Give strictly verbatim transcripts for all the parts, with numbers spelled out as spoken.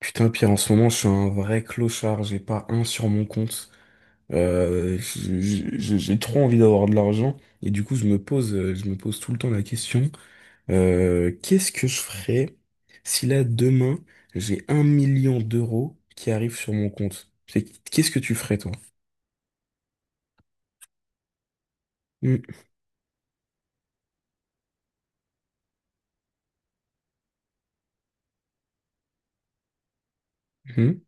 Putain, Pierre, en ce moment, je suis un vrai clochard. J'ai pas un sur mon compte. Euh, j- j- j'ai j'ai trop envie d'avoir de l'argent. Et du coup, je me pose, euh, je me pose tout le temps la question, euh, qu'est-ce que je ferais si là, demain, j'ai un million d'euros qui arrivent sur mon compte? C'est- Qu'est-ce que tu ferais, toi? Mhm.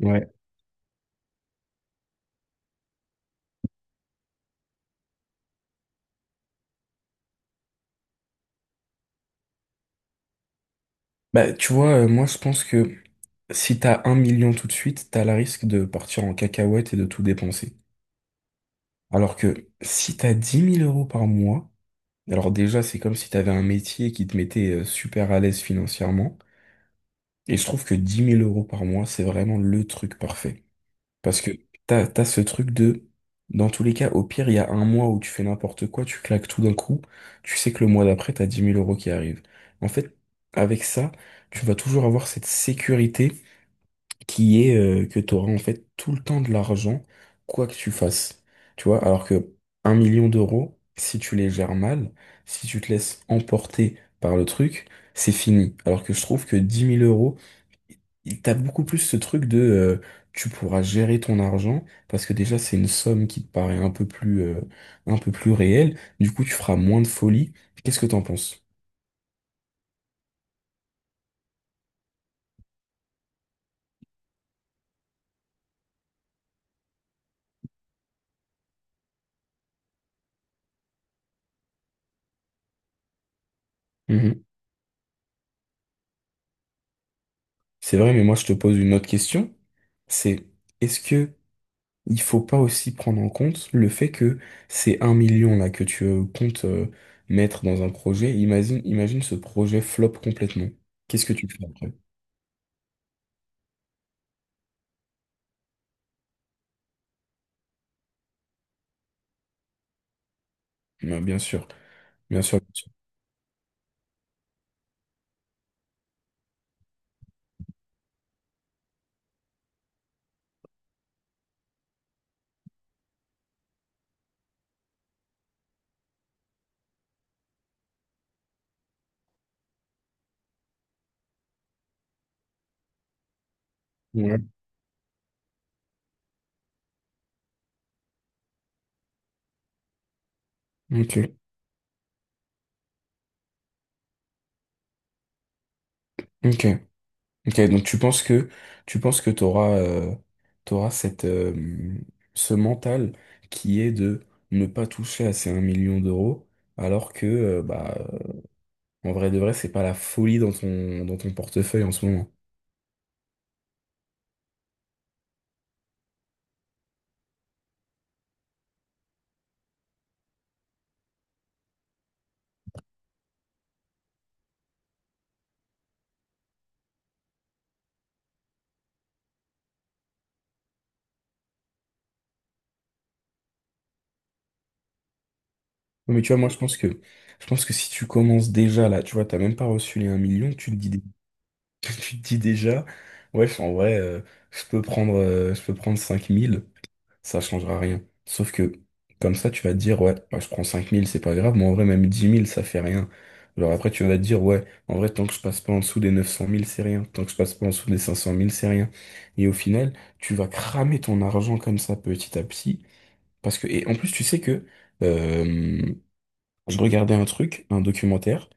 Ouais. Bah, tu vois, euh, moi, je pense que si t'as un million tout de suite, t'as le risque de partir en cacahuète et de tout dépenser. Alors que si t'as dix mille euros par mois, alors déjà, c'est comme si tu avais un métier qui te mettait euh, super à l'aise financièrement. Et je trouve que dix mille euros par mois, c'est vraiment le truc parfait. Parce que t'as, t'as ce truc de, dans tous les cas, au pire, il y a un mois où tu fais n'importe quoi, tu claques tout d'un coup, tu sais que le mois d'après, t'as dix mille euros qui arrivent. En fait, avec ça, tu vas toujours avoir cette sécurité qui est euh, que tu auras en fait tout le temps de l'argent, quoi que tu fasses. Tu vois, alors que un million d'euros, si tu les gères mal, si tu te laisses emporter par le truc, c'est fini. Alors que je trouve que dix mille euros, il- t'as beaucoup plus ce truc de euh, tu pourras gérer ton argent parce que déjà c'est une somme qui te paraît un peu plus euh, un peu plus réelle. Du coup, tu feras moins de folie. Qu'est-ce que t'en penses? Mhm. C'est vrai, mais moi je te pose une autre question. C'est est-ce que il faut pas aussi prendre en compte le fait que c'est un million là que tu euh, comptes euh, mettre dans un projet. Imagine, imagine ce projet flop complètement. Qu'est-ce que tu fais après? Bah, bien sûr, bien sûr, bien sûr. Ouais. Ok, ok, ok. Donc tu penses que tu penses que t'auras euh, t'auras cette euh, ce mental qui est de ne pas toucher à ces un million d'euros, alors que euh, bah en vrai de vrai c'est pas la folie dans ton dans ton portefeuille en ce moment. Non, mais tu vois, moi, je pense que, je pense que si tu commences déjà là, tu vois, t'as même pas reçu les un million, tu te dis, dé- tu te dis déjà, ouais, en vrai, euh, je peux prendre, euh, je peux prendre cinq mille ça changera rien. Sauf que, comme ça, tu vas te dire, ouais, bah, je prends cinq mille c'est pas grave, mais en vrai, même dix mille ça fait rien. Alors après, tu vas te dire, ouais, en vrai, tant que je passe pas en dessous des neuf cent mille c'est rien. Tant que je passe pas en dessous des cinq cent mille c'est rien. Et au final, tu vas cramer ton argent comme ça, petit à petit. Parce que, et en plus, tu sais que, euh, je regardais un truc, un documentaire.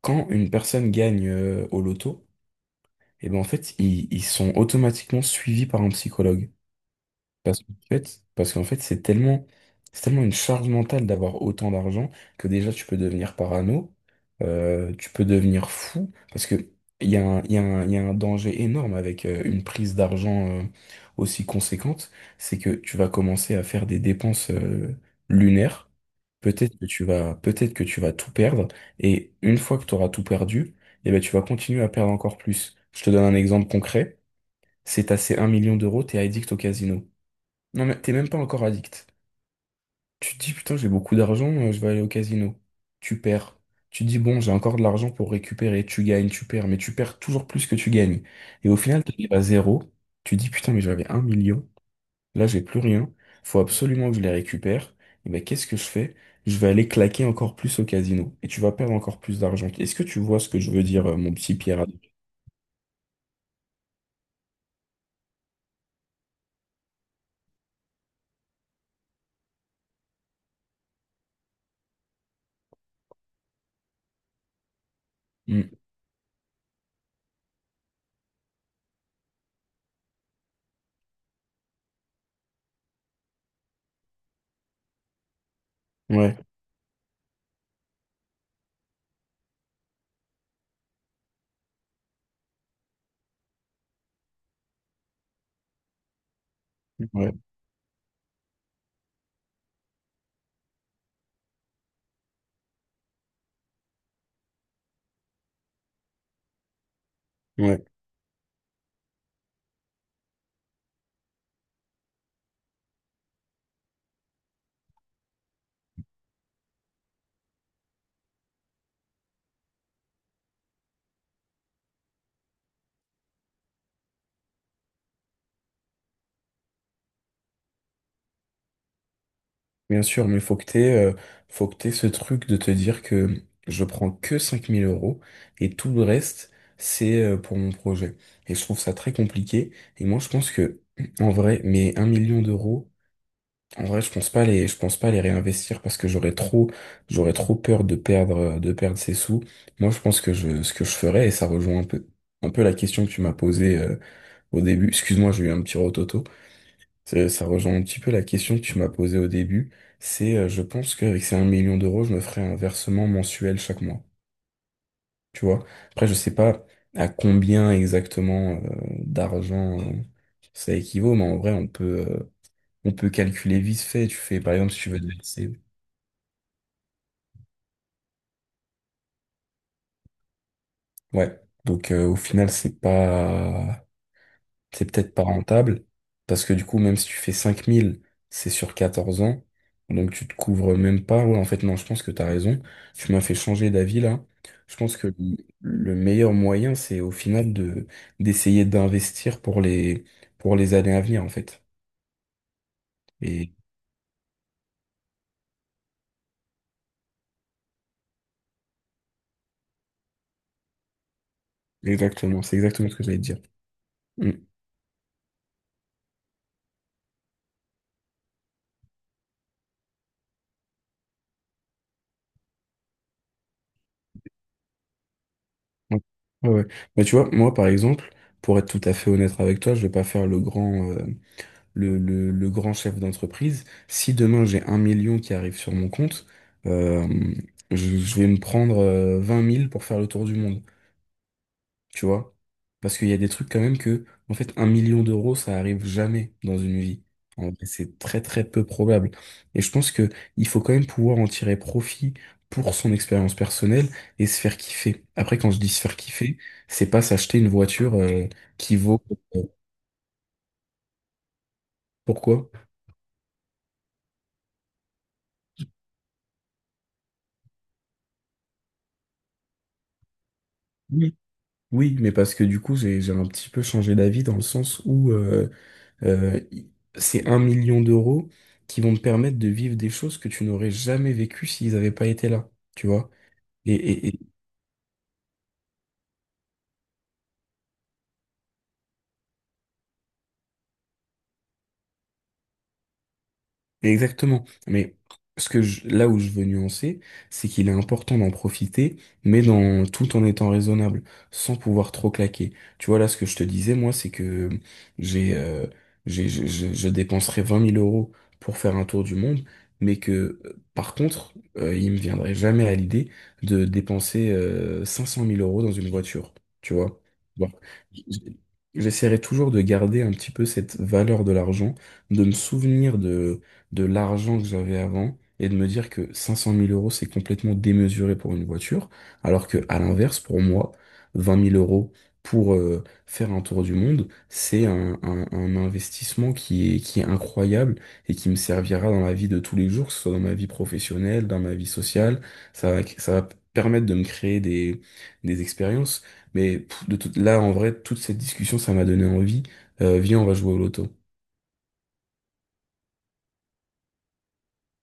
Quand une personne gagne euh, au loto, et ben en fait, ils, ils sont automatiquement suivis par un psychologue. Parce qu'en fait, parce qu'en fait, c'est tellement, c'est tellement une charge mentale d'avoir autant d'argent que déjà tu peux devenir parano, euh, tu peux devenir fou, parce que il y a un, il y a un, il y a un danger énorme avec euh, une prise d'argent euh, aussi conséquente, c'est que tu vas commencer à faire des dépenses euh, lunaires. Peut-être que tu vas, peut-être que tu vas tout perdre, et une fois que tu auras tout perdu, eh ben, tu vas continuer à perdre encore plus. Je te donne un exemple concret. C'est assez un million d'euros, t'es addict au casino. Non, mais t'es même pas encore addict. Tu te dis, putain, j'ai beaucoup d'argent, euh, je vais aller au casino. Tu perds. Tu te dis, bon, j'ai encore de l'argent pour récupérer. Tu gagnes, tu perds, mais tu perds toujours plus que tu gagnes. Et au final, tu t'arrives à zéro. Tu te dis, putain, mais j'avais un million. Là, j'ai plus rien. Faut absolument que je les récupère. Et ben, qu'est-ce que je fais? Je vais aller claquer encore plus au casino. Et tu vas perdre encore plus d'argent. Est-ce que tu vois ce que je veux dire, euh, mon petit Pierre? Hmm. Ouais, ouais, ouais. Bien sûr, mais faut que t'aies, euh, faut que t'aies ce truc de te dire que je prends que cinq mille euros et tout le reste, c'est euh, pour mon projet. Et je trouve ça très compliqué. Et moi, je pense que, en vrai, mais un million d'euros, en vrai, je pense pas les, je pense pas les réinvestir parce que j'aurais trop, j'aurais trop peur de perdre, de perdre ces sous. Moi, je pense que je, ce que je ferais, et ça rejoint un peu, un peu la question que tu m'as posée, euh, au début. Excuse-moi, j'ai eu un petit rototo. Ça, ça rejoint un petit peu la question que tu m'as posée au début. C'est, euh, je pense qu'avec ces un million d'euros, je me ferai un versement mensuel chaque mois. Tu vois? Après, je sais pas à combien exactement euh, d'argent euh, ça équivaut, mais en vrai, on peut, euh, on peut calculer vite fait. Tu fais, par exemple, si tu veux te verser. Ouais. Donc, euh, au final, c'est pas. C'est peut-être pas rentable, parce que du coup, même si tu fais cinq mille c'est sur quatorze ans, donc tu te couvres même pas. Ouais, en fait, non, je pense que t'as raison. Tu m'as fait changer d'avis là. Je pense que le le meilleur moyen, c'est au final de d'essayer d'investir pour les pour les années à venir, en fait. Et exactement, c'est exactement ce que j'allais te dire. Mm. Ouais, ouais, ouais. Mais tu vois, moi, par exemple, pour être tout à fait honnête avec toi, je vais pas faire le grand. euh, le, le- le grand chef d'entreprise, si demain j'ai un million qui arrive sur mon compte, euh, je, je vais me prendre euh, vingt mille pour faire le tour du monde, tu vois? Parce qu'il y a des trucs quand même que, en fait, un million d'euros, ça arrive jamais dans une vie. En vrai, c'est très très peu probable. Et je pense que il faut quand même pouvoir en tirer profit pour son expérience personnelle et se faire kiffer. Après, quand je dis se faire kiffer, c'est pas s'acheter une voiture euh, qui vaut. euh, Pourquoi? Oui, mais parce que du coup, j'ai, j'ai un petit peu changé d'avis dans le sens où euh, euh, i- c'est un million d'euros qui vont te permettre de vivre des choses que tu n'aurais jamais vécues s'ils n'avaient pas été là, tu vois. Et, et, Exactement. Mais ce que je- là où je veux nuancer, c'est qu'il est important d'en profiter, mais dans, tout en étant raisonnable, sans pouvoir trop claquer. Tu vois, là, ce que je te disais, moi, c'est que j'ai, euh, j'ai, je, je- je dépenserais vingt mille euros pour faire un tour du monde, mais que, euh, par contre, euh, il me viendrait jamais à l'idée de dépenser, euh, cinq cent mille euros dans une voiture. Tu vois? Bon. J'essaierai toujours de garder un petit peu cette valeur de l'argent, de me souvenir de de l'argent que j'avais avant et de me dire que cinq cent mille euros, c'est complètement démesuré pour une voiture, alors que à l'inverse, pour moi, vingt mille euros pour euh, faire un tour du monde, c'est un, un- un investissement qui est, qui est incroyable et qui me servira dans la vie de tous les jours, que ce soit dans ma vie professionnelle, dans ma vie sociale. Ça va, ça va permettre de me créer des, des expériences. Mais pff, de tout- là, en vrai, toute cette discussion, ça m'a donné envie. Euh, viens, on va jouer au loto.